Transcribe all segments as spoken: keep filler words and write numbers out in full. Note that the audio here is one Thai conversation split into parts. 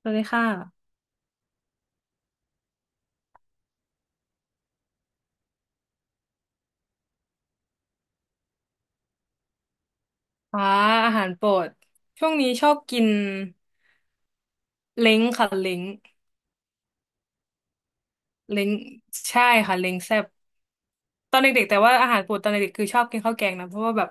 สวัสดีค่ะอ่าอาหารโปรดช่วงนี้ชอบกินเล้งค่ะเล้งเล้งใช่ค่ะเล้งแซ่บตอนเด็กๆแต่ว่าอาหารโปรดตอนเด็กๆคือชอบกินข้าวแกงนะเพราะว่าแบบ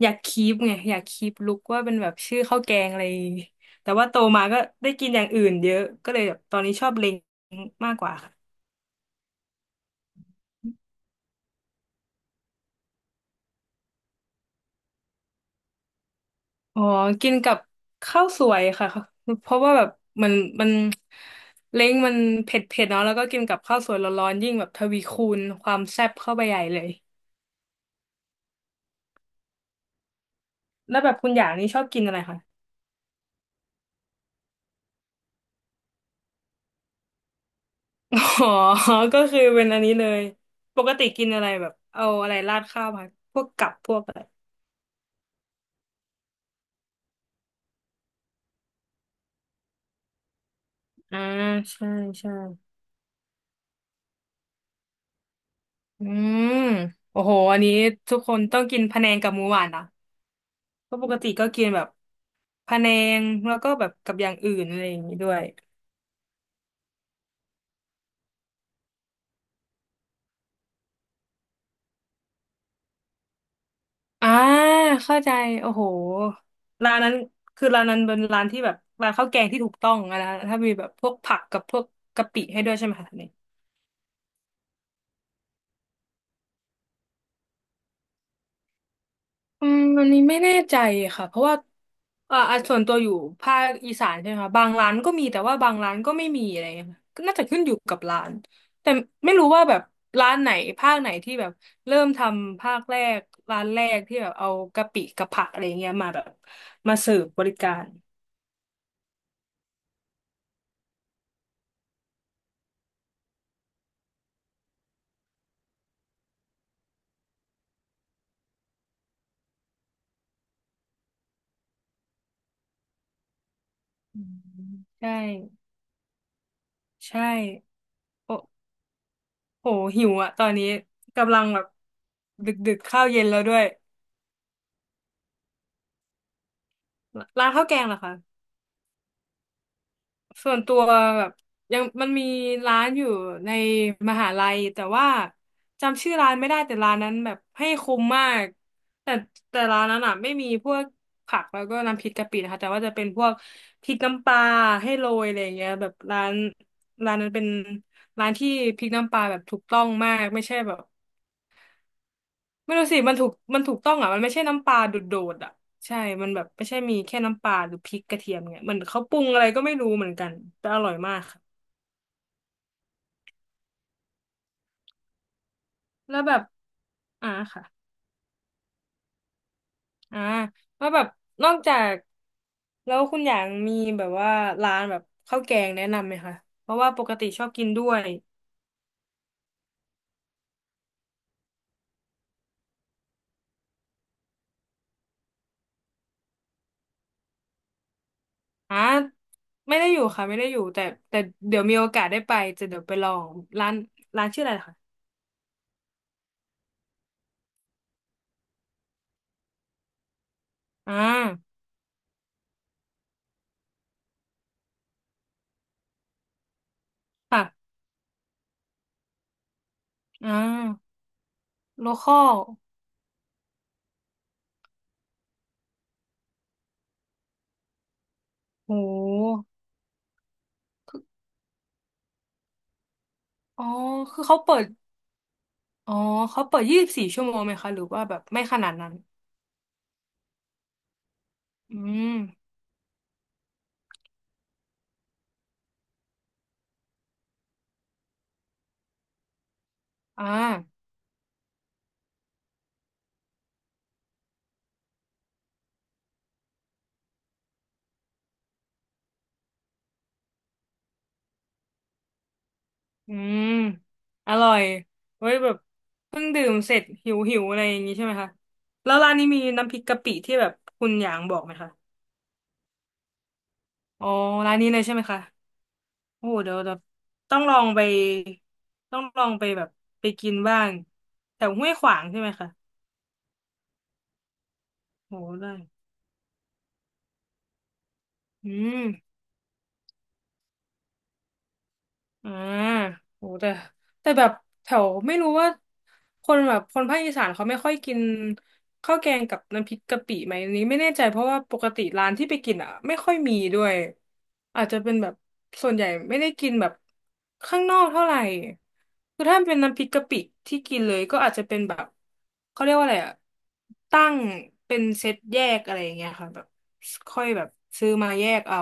อยากคีปไงอยากคีปลุกว่าเป็นแบบชื่อข้าวแกงอะไรแต่ว่าโตมาก็ได้กินอย่างอื่นเยอะก็เลยแบบตอนนี้ชอบเล้งมากกว่า อ๋อกินกับข้าวสวยค่ะ เพราะว่าแบบมันมันเล้งมันเผ็ดเผ็ดเนาะแล้วก็กินกับข้าวสวยร้อนๆยิ่งแบบทวีคูณความแซ่บเข้าไปใหญ่เลยแล้วแบบคุณอย่างนี้ชอบกินอะไรคะ อ๋อก็คือเป็นอันนี้เลยปกติกินอะไรแบบเอาอะไรราดข้าวมาพวกกับพวกอะไรอ่าใช่ใช่อืมโอ้โหอันนี้ทุกคนต้องกินพะแนงกับหมูหวานนะเพราะปกติก็กินแบบพะแนงแล้วก็แบบกับอย่างอื่นอะไรอย่างนี้ด้วย อ่าเข้าใจโอ้โหร้านนั้นคือร้านนั้นเป็นร้านที่แบบร้านข้าวแกงที่ถูกต้องอะนะถ้ามีแบบพวกผักกับพวกกะปิให้ด้วยใช่ไหมคะเนี่ยอืมอันนี้ไม่แน่ใจค่ะเพราะว่าเอ่ออ่ะส่วนตัวอยู่ภาคอีสานใช่ไหมคะบางร้านก็มีแต่ว่าบางร้านก็ไม่มีอะไรเงี้ยค่ะก็น่าจะขึ้นอยู่กับร้านแต่ไม่รู้ว่าแบบร้านไหนภาคไหนที่แบบเริ่มทำภาคแรก ร้านแรกที่แบบเอากะปิกับผักอะไรเงี้ยมาแบบมาเสิร์ฟบริการอืมใช่ ใช่โอ้โหหิวอะตอนนี้กำลังแบบดึกดึกข้าวเย็นแล้วด้วยร้านข้าวแกงเหรอคะส่วนตัวแบบยังมันมีร้านอยู่ในมหาลัยแต่ว่าจำชื่อร้านไม่ได้แต่ร้านนั้นแบบให้คุ้มมากแต่แต่ร้านนั้นอะไม่มีพวกผักแล้วก็น้ำพริกกะปินะคะแต่ว่าจะเป็นพวกพริกน้ำปลาให้โรยอะไรอย่างเงี้ยแบบร้านร้านนั้นเป็นร้านที่พริกน้ำปลาแบบถูกต้องมากไม่ใช่แบบ ไม่รู้สิมันถูกมันถูกต้องอ่ะ มันไม่ใช่น้ำปลาโดดๆอ่ะใช่ มันแบบไม่ใช่มีแค่น้ำปลาหรือพริกกระเทียมเนี่ยเหมือนเขาปรุงอะไรก็ไม่รู้เหมือนกัน แต่อร่อยมากค่ะ แล้วแบบอ่าค่ะอ่าแล้วแบบนอกจากแล้วคุณอย่างมีแบบว่าร้านแบบข้าวแกงแนะนำไหมคะเพราะว่าปกติชอบกินด้วยอ่าไม่ได้อยู่ค่ะ ไม่ได้อยู่ แต่แต่เดี๋ยวมีโอกาสได้ไปจะเดี๋ยวไปลองร้านร้านชื่ออะไรนะคะอ่าค่ะอ่าโลคอลโห อ๋อคือเขาเปิดอ๋อเขาเปิดยี่สิบสี่ชั่วโมงไหมคะหรือว่าแบบไม่ขนาดนั้นอืมอ่าอืมอร่อยเว้ยแบบเพิ่งดื่มเสร็จหิวหิวอะไรอย่างงี้ใช่ไหมคะแล้วร้านนี้มีน้ำพริกกะปิที่แบบคุณหยางบอกไหมคะอ๋อร้านนี้เลยใช่ไหมคะโอ้โหเดี๋ยวเดี๋ยวต้องลองไปต้องลองไปแบบไปกินบ้างแถวห้วยขวางใช่ไหมคะโอ้โหได้อืม อ่าโหแต่แต่แบบแถวไม่รู้ว่าคนแบบคนภาคอีสานเขาไม่ค่อยกินข้าวแกงกับน้ำพริกกะปิไหมอันนี้ไม่แน่ใจเพราะว่าปกติร้านที่ไปกินอ่ะไม่ค่อยมีด้วยอาจจะเป็นแบบส่วนใหญ่ไม่ได้กินแบบข้างนอกเท่าไหร่คือถ้าเป็นน้ำพริกกะปิที่กินเลยก็อาจจะเป็นแบบเขาเรียกว่าอะไรอ่ะตั้งเป็นเซตแยกอะไรอย่างเงี้ยค่ะแบบค่อยแบบซื้อมาแยกเอา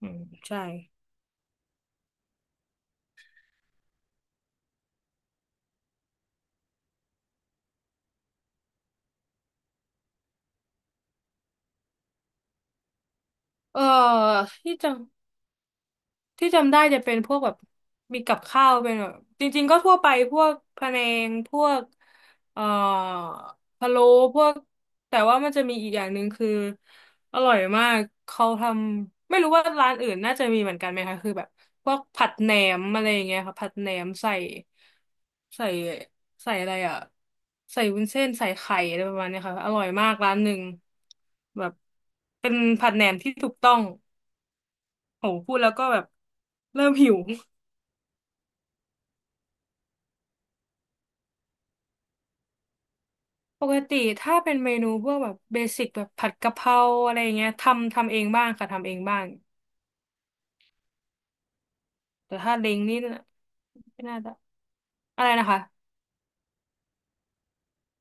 อืมใช่เออที่จะ ที่จำได้จะเป็นพวกแบบมีกับข้าวเป็นแบบจริงๆก็ทั่วไปพวกพะแนงพวกเอ่อพะโล้พวกแต่ว่ามันจะมีอีกอย่างหนึ่งคืออร่อยมากเขาทำไม่รู้ว่าร้านอื่นน่าจะมีเหมือนกันไหมคะคือแบบพวกผัดแหนมอะไรอย่างเงี้ยค่ะผัดแหนมใส่ใส่ใส่อะไรอ่ะใส่วุ้นเส้นใส่ไข่อะไรประมาณเนี้ยค่ะอร่อยมากร้านหนึ่งแบบเป็นผัดแหนมที่ถูกต้อง โหพูดแล้วก็แบบเริ่มหิวปกติถ้าเป็นเมนูพวกแบบเบสิกแบบผัดกะเพราอะไรอย่างเงี้ยทำทำเองบ้างค่ะทำเองบ้างแต่ถ้าเล้งนี่ไม่น่าจะอะไรนะคะ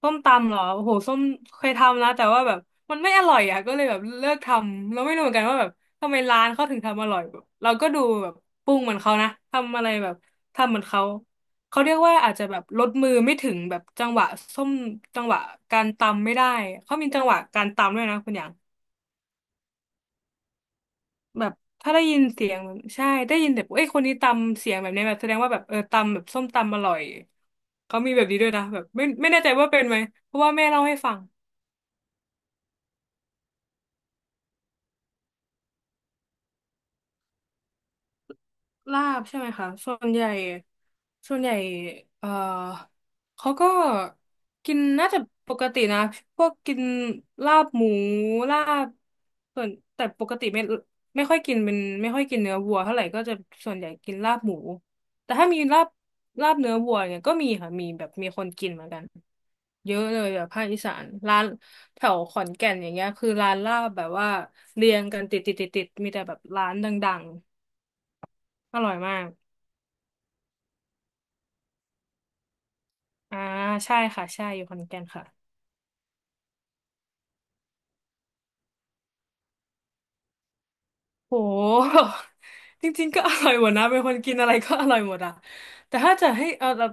ส้มตำเหรอโอ้โหส้มเคยทำนะแต่ว่าแบบมันไม่อร่อยอ่ะก็เลยแบบเลิกทำแล้วไม่รู้เหมือนกันว่าแบบทำไมร้านเขาถึงทำอร่อยแบบเราก็ดูแบบปรุงเหมือนเขานะทำอะไรแบบทำเหมือนเขาเขาเรียกว่าอาจจะแบบลดมือไม่ถึงแบบจังหวะส้มจังหวะการตำไม่ได้เขามีจังหวะการตำด้วยนะคุณอย่างแบบถ้าได้ยินเสียงแบบใช่ได้ยินแบบเอ้ยคนนี้ตำเสียงแบบนี้แบบแสดงว่าแบบเออตำแบบส้มตำอร่อยเขามีแบบนี้ด้วยนะแบบไม่ไม่แน่ใจว่าเป็นไหมเพราะว่าแม่เล่าให้ฟัง ลาบใช่ไหมคะส่วนใหญ่ส่วนใหญ่เอ่อเขาก็กินน่าจะปกตินะพวกกินลาบหมูลาบส่วนแต่ปกติไม่ไม่ค่อยกินเป็นไม่ค่อยกินเนื้อวัวเท่าไหร่ก็จะส่วนใหญ่กินลาบหมูแต่ถ้ามีลาบลาบเนื้อวัวเนี่ยก็มีค่ะมีแบบมีคนกินเหมือนกันเยอะเลยแบบภาคอีสานร้านแถวขอนแก่นอย่างเงี้ยคือร้านลาบแบบว่าเรียงกันติดติดติดติดมีแต่แบบร้านดังๆอร่อยมาก อ่าใช่ค่ะใช่อยู่ขอนแก่นค่ะโห จริงๆก็อร่อยหมดนะเป็นคนกินอะไรก็อร่อยหมดอะแต่ถ้าจะให้เอาแบบ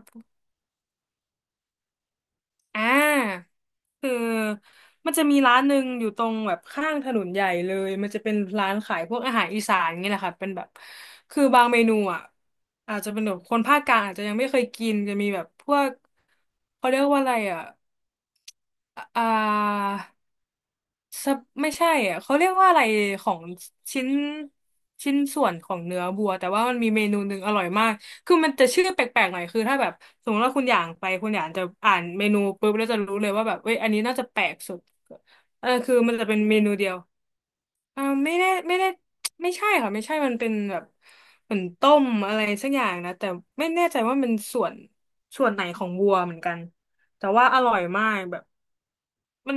อ่าคือมันจะมีร้านหนึ่งอยู่ตรงแบบข้างถนนใหญ่เลยมันจะเป็นร้านขายพวกอาหารอีสานอย่างเี้แหละค่ะเป็นแบบคือบางเมนูอ่ะอาจจะเป็นแบบคนภาคกลางอาจจะยังไม่เคยกินจะมีแบบพวกเขาเรียกว่าอะไรอ่ะอ่า ซับไม่ใช่อ่ะเขาเรียกว่าอะไรของชิ้นชิ้นส่วนของเนื้อบัวแต่ว่ามันมีเมนูหนึ่งอร่อยมากคือมันจะชื่อแปลกๆหน่อยคือถ้าแบบสมมติว่าคุณอย่างไปคุณอย่างจะอ่านเมนูปุ๊บแล้วจะรู้เลยว่าแบบเว้ยอันนี้น่าจะแปลกสุดเออคือมันจะเป็นเมนูเดียวอ่าไม่ได้ไม่ได้ไม่ใช่ค่ะไม่ใช่มันเป็นแบบเหมือนต้มอะไรสักอย่างนะแต่ไม่แน่ใจว่ามันส่วนส่วนไหนของวัวเหมือนกันแต่ว่าอร่อยมากแบบ มัน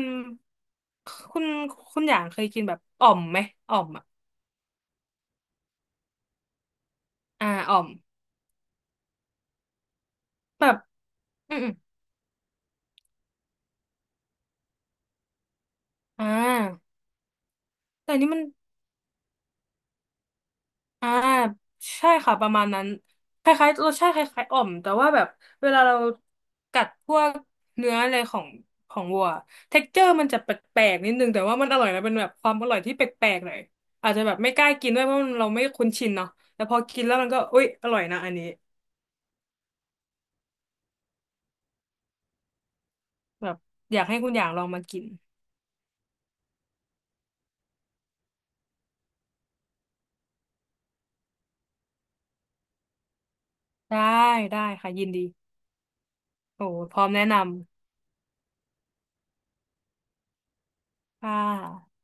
คุณคุณอย่างเคยกินแบบอ่อมไหมอ่อมอ่ะอ่าอ่อมแบบอืมอมอ่าแต่อันนี้มันอ่าใช่ค่ะประมาณนั้นคล้ายๆรสชาติคล้ายๆอ่อมแต่ว่าแบบเวลาเรากัดพวกเนื้ออะไรของของวัวเท็กเจอร์มันจะแปลกๆนิดนึงแต่ว่ามันอร่อยนะเป็นแบบความอร่อยที่แปลกๆหน่อยอาจจะแบบไม่กล้ากินด้วยเพราะมันเราไม่คุ้นชินเนาะแต่พอกินแล้วมันก็อุ๊ยอร่อยนะอันนี้แบบอยากให้คุณอย่างลองมากินได้ได้ค่ะยินดี โอ้พร้อมแนะนำค่ะ